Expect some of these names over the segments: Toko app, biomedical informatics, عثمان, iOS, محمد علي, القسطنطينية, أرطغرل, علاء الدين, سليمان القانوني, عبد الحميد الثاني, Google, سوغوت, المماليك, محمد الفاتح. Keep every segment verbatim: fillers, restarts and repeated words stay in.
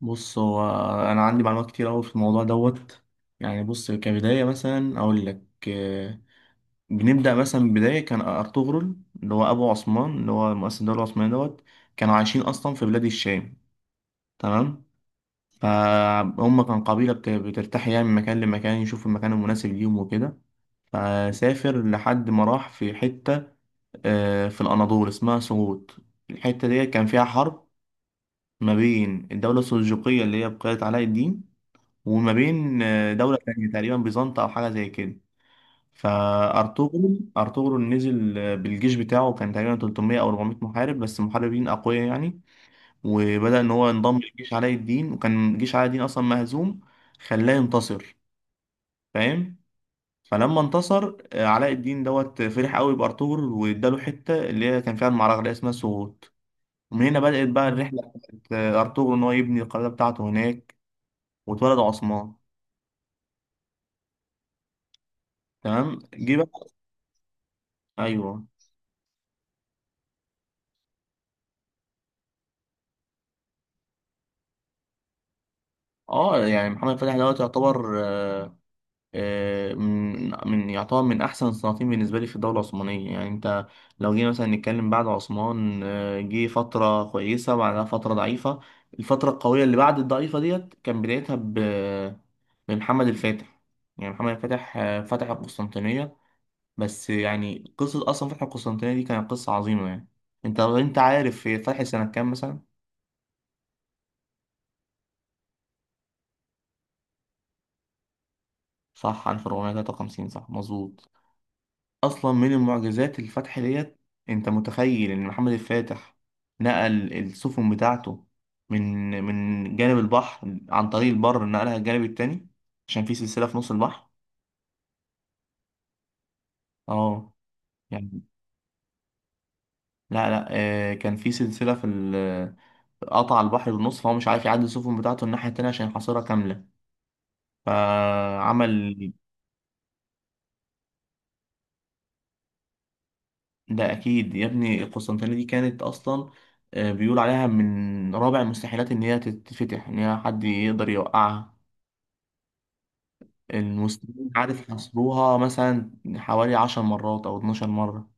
بص هو انا عندي معلومات كتير قوي في الموضوع دوت. يعني بص، كبدايه مثلا اقول لك. آه، بنبدا مثلا بدايه كان ارطغرل، اللي هو ابو عثمان، اللي هو مؤسس الدوله العثمانيه دوت. كانوا عايشين اصلا في بلاد الشام. تمام فهم كان قبيله بت- بترتاح يعني من مكان لمكان، يشوف المكان المناسب ليهم وكده. فسافر لحد ما راح في حته، آه، في الاناضول اسمها سوغوت. الحته ديت كان فيها حرب ما بين الدوله السلجوقيه اللي هي بقيت علاء الدين، وما بين آه، دولة تانية تقريبا بيزنطة أو حاجة زي كده. فأرطغرل أرطغرل نزل آه، بالجيش بتاعه، كان تقريبا تلتمية أو اربعمية محارب بس محاربين أقوياء يعني. وبدأ إن هو ينضم لجيش علاء الدين، وكان جيش علاء الدين أصلا مهزوم، خلاه ينتصر. فاهم؟ فلما انتصر آه، علاء الدين دوت، فرح قوي بأرطغرل واداله حتة اللي هي كان فيها المعركة اللي هي اسمها سوغوت. ومن هنا بدأت بقى الرحلة بتاعت آه، أرطغرل إن هو يبني القلعة بتاعته هناك. واتولد عثمان. تمام، جه بقى. ايوه. اه، يعني محمد فتحي دوت يعتبر آه، آه، من من يعتبر من احسن الصناعين بالنسبه لي في الدوله العثمانيه. يعني انت لو جينا مثلا نتكلم بعد عثمان، آه، جه فتره كويسه وبعدها فتره ضعيفه. الفتره القويه اللي بعد الضعيفه ديت كان بدايتها ب- بمحمد الفاتح. يعني محمد الفاتح آه، فتح القسطنطينيه. بس يعني قصه اصلا فتح القسطنطينيه دي كانت قصه عظيمه يعني. انت انت عارف هي فتحت سنه كام مثلا؟ صح، ألف واربعمية تلاتة وخمسين، صح مظبوط. اصلا من المعجزات الفتح ديت. انت متخيل ان محمد الفاتح نقل السفن بتاعته من من جانب البحر عن طريق البر، نقلها الجانب التاني، عشان في سلسلة في نص البحر. اه يعني. لا لا آه كان في سلسلة في ال- قطع البحر بالنص، فهو مش عارف يعدي السفن بتاعته الناحية التانية عشان يحاصرها كاملة. فعمل. ده أكيد يا ابني، القسطنطينية دي كانت أصلا آه، بيقول عليها من رابع المستحيلات إن هي تتفتح، إن هي حد يقدر يوقعها. المسلمين عارف حاصروها مثلا حوالي عشر مرات أو اتناشر مرة.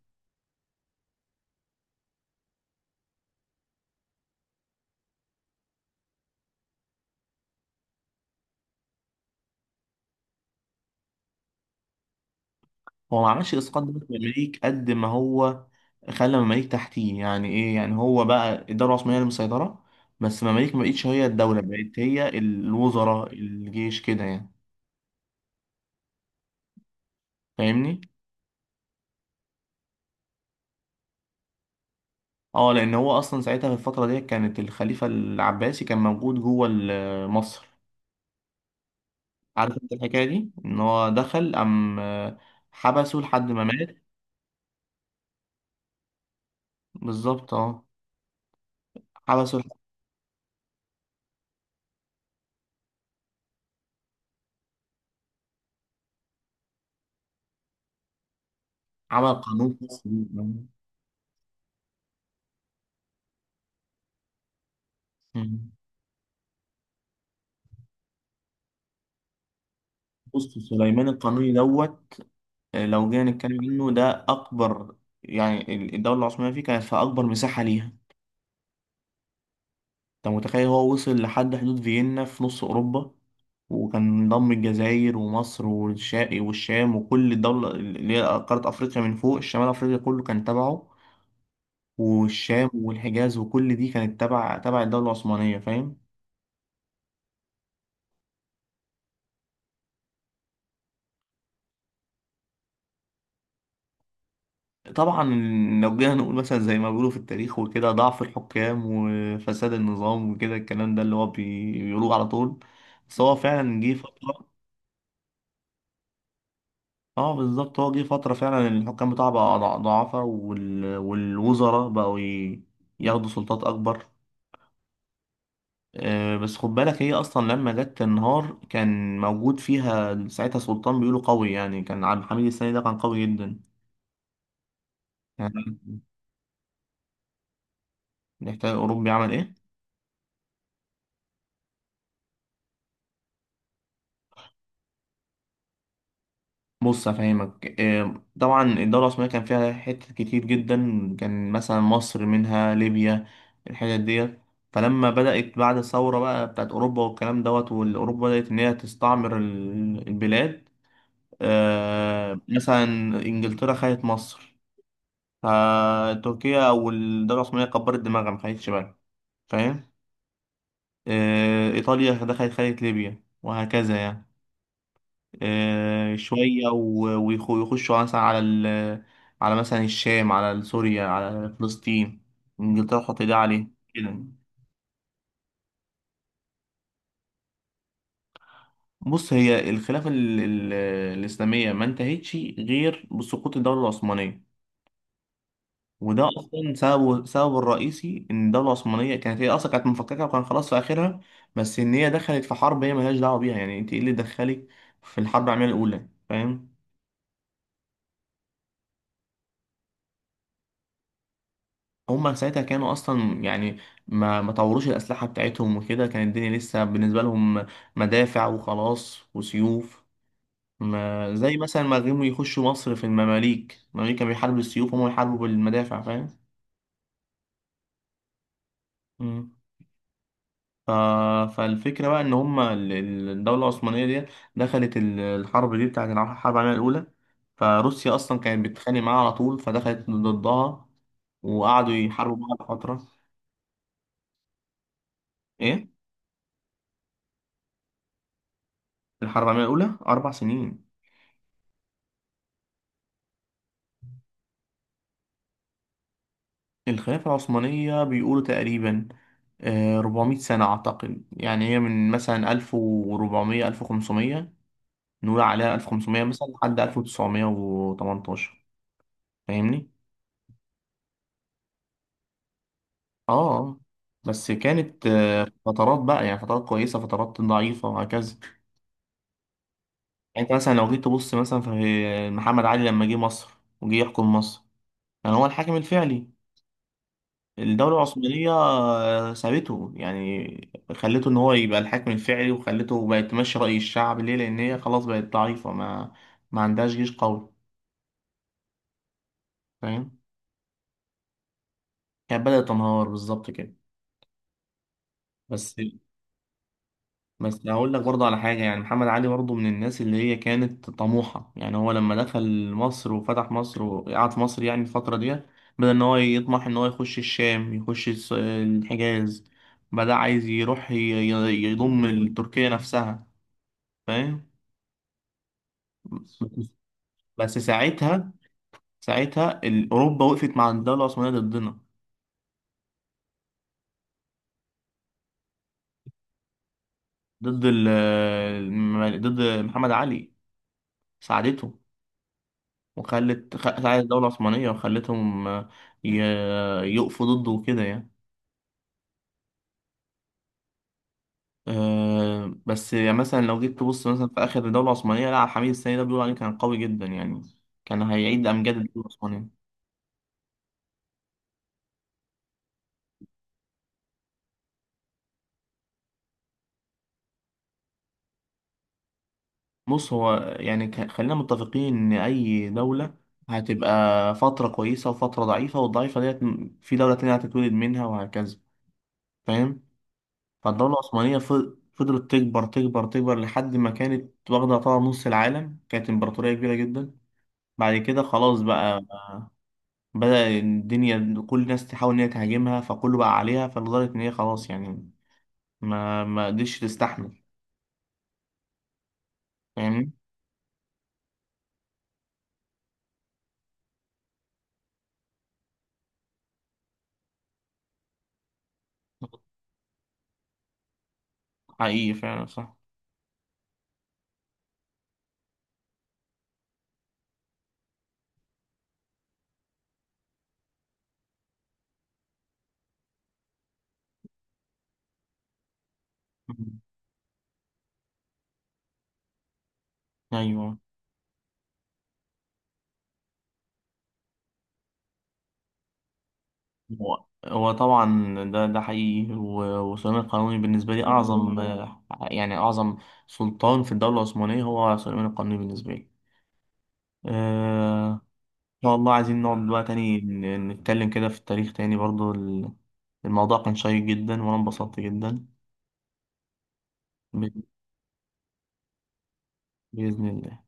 هو ما عملش إسقاط دولة المماليك قد ما هو خلى المماليك تحتيه. يعني إيه؟ يعني هو بقى الدولة العثمانية اللي مسيطرة، بس المماليك ما بقتش هي الدولة، بقت هي الوزراء، الجيش كده يعني. فاهمني؟ اه، لأن هو أصلا ساعتها في الفترة دي كانت الخليفة العباسي كان موجود جوه ال- مصر. عارف انت الحكاية دي؟ إن هو دخل أم حبسه لحد ما مات. بالظبط اه، حبسه. عمل قانون خاص بيه. مم. بص سليمان القانوني دوت، آه، لو جينا نتكلم عنه ده أكبر. يعني ال- الدولة العثمانية فيه كانت في أكبر مساحة ليها. أنت متخيل هو وصل لحد حدود فيينا في نص أوروبا؟ وكان ضم الجزائر ومصر والشام والشام وكل الدولة اللي هي قارة أفريقيا، من فوق شمال أفريقيا كله كان تبعه. والشام والحجاز وكل دي كانت تبع تبع الدولة العثمانية، فاهم؟ طبعا لو جينا نقول مثلا زي ما بيقولوا في التاريخ وكده، ضعف الحكام وفساد النظام وكده، الكلام ده اللي هو بي- بيقولوه على طول. بس هو فعلا جه فترة. اه بالظبط، هو جه فترة فعلا الحكام بتاعه بقى ضع- ضعفاء وال... والوزراء بقوا ي... ياخدوا سلطات أكبر. آه بس خد بالك، هي أصلا لما جت تنهار كان موجود فيها ساعتها سلطان بيقولوا قوي يعني، كان عبد الحميد السيد ده كان قوي جدا يعني. نحتاج أوروبي عمل إيه؟ بص افهمك، آه، طبعا الدوله العثمانيه كان فيها حتت كتير جدا. كان مثلا مصر منها، ليبيا، الحتت ديت. فلما بدات بعد الثوره بقى بتاعت اوروبا والكلام دوت، والاوروبا بدات ان هي تستعمر ال- البلاد. آه، مثلا انجلترا خدت مصر، فتركيا او الدوله العثمانيه كبرت دماغها ما خدتش بالها، فاهم؟ آه، ايطاليا دخلت خدت ليبيا، وهكذا يعني. آه، شوية و- ويخ- ويخشوا مثلا على ال، على مثلا الشام، على سوريا، على فلسطين، انجلترا تحط ايدها عليه كده. بص هي الخلافة ال- ال- الإسلامية ما انتهتش غير بسقوط الدولة العثمانية. وده أصلا سببه، سببه الرئيسي إن الدولة العثمانية كانت هي أصلا كانت مفككة، وكان خلاص في آخرها. بس إن هي دخلت في حرب هي ملهاش دعوة بيها. يعني أنت إيه اللي دخلك في الحرب العالمية الأولى؟ فاهم؟ هما ساعتها كانوا اصلا يعني ما ما طوروش الاسلحه بتاعتهم وكده، كانت الدنيا لسه بالنسبه لهم مدافع وخلاص وسيوف. ما زي مثلا ما غيموا يخشوا مصر في المماليك، المماليك كانوا بيحاربوا بالسيوف وهم بيحاربوا بالمدافع، فاهم؟ مم. ف... فالفكره بقى ان هما ال- ال- الدوله العثمانيه دي دخلت ال- الحرب دي بتاعت الع- الحرب العالميه الاولى. فروسيا اصلا كانت بتتخانق معاها على طول، فدخلت ضدها، وقعدوا يحاربوا بعض فتره. ايه؟ الحرب العالميه الاولى اربع سنين. الخلافة العثمانية بيقولوا تقريبا آه، 400 سنة أعتقد، يعني هي من مثلا ألف واربعمية، ألف وخمسمية، نقول عليها ألف وخمسمية مثلا لحد ألف وتسعمائة وثمانية عشر، فاهمني؟ آه. آه. بس كانت آه، فترات بقى، يعني فترات كويسة فترات ضعيفة وهكذا. يعني أنت مثلا لو جيت تبص مثلا في محمد علي لما جه مصر وجه يحكم مصر، يعني هو الحاكم الفعلي. الدولة العثمانية آه، سابته، يعني خلته إن هو يبقى الحاكم الفعلي، وخلته بقت تمشي رأي الشعب، ليه؟ لأن هي خلاص بقت ضعيفة، ما ما عندهاش جيش قوي، فاهم؟ كانت بدأت تنهار بالظبط كده. بس بس هقول لك برضه على حاجة، يعني محمد علي برضه من الناس اللي هي كانت طموحة. يعني هو لما دخل مصر وفتح مصر وقعد في مصر، يعني الفترة دي بدأ إن هو يطمح إن هو يخش الشام، يخش الس- الحجاز، بدأ عايز يروح ي- ي- يضم تركيا نفسها، فاهم؟ بس ساعتها ساعتها ال- اوروبا وقفت مع الدوله العثمانيه ضدنا، ضد ال الم- ضد محمد علي. ساعدته، وخلت خ- ساعدت الدوله العثمانيه وخلتهم، آه، ي- يقفوا ضده وكده يعني. آه، بس يعني مثلا لو جيت تبص مثلا في اخر الدوله العثمانيه، لا عبد الحميد الثاني ده بيقول عليه كان قوي جدا يعني، كان هيعيد امجاد الدوله العثمانيه. بص هو يعني ك- خلينا متفقين ان اي دولة هتبقى فترة كويسة وفترة ضعيفة، والضعيفة ديت م- في دولة تانية هتتولد منها، وهكذا، فاهم؟ فالدولة العثمانية ف- فضلت تكبر تكبر تكبر لحد ما كانت واخدة يعتبر نص العالم، كانت امبراطورية كبيرة جدا. بعد كده خلاص بقى بدأ الدنيا كل الناس تحاول ان هي تهاجمها، فكله بقى عليها، فلدرجة ان هي خلاص يعني ما ما قدرتش تستحمل، فاهمني؟ حقيقي فعلا صح. مم. ايوه، هو هو طبعا ده ده حقيقي. و- وسليمان القانوني بالنسبة لي أعظم، آه، يعني أعظم سلطان في الدولة العثمانية هو سليمان القانوني بالنسبة لي. آه، إن شاء الله عايزين نقعد بقى تاني ن- نتكلم كده في التاريخ تاني برضو. ال- الموضوع كان شيق جدا وأنا انبسطت جدا. ب- بإذن الله.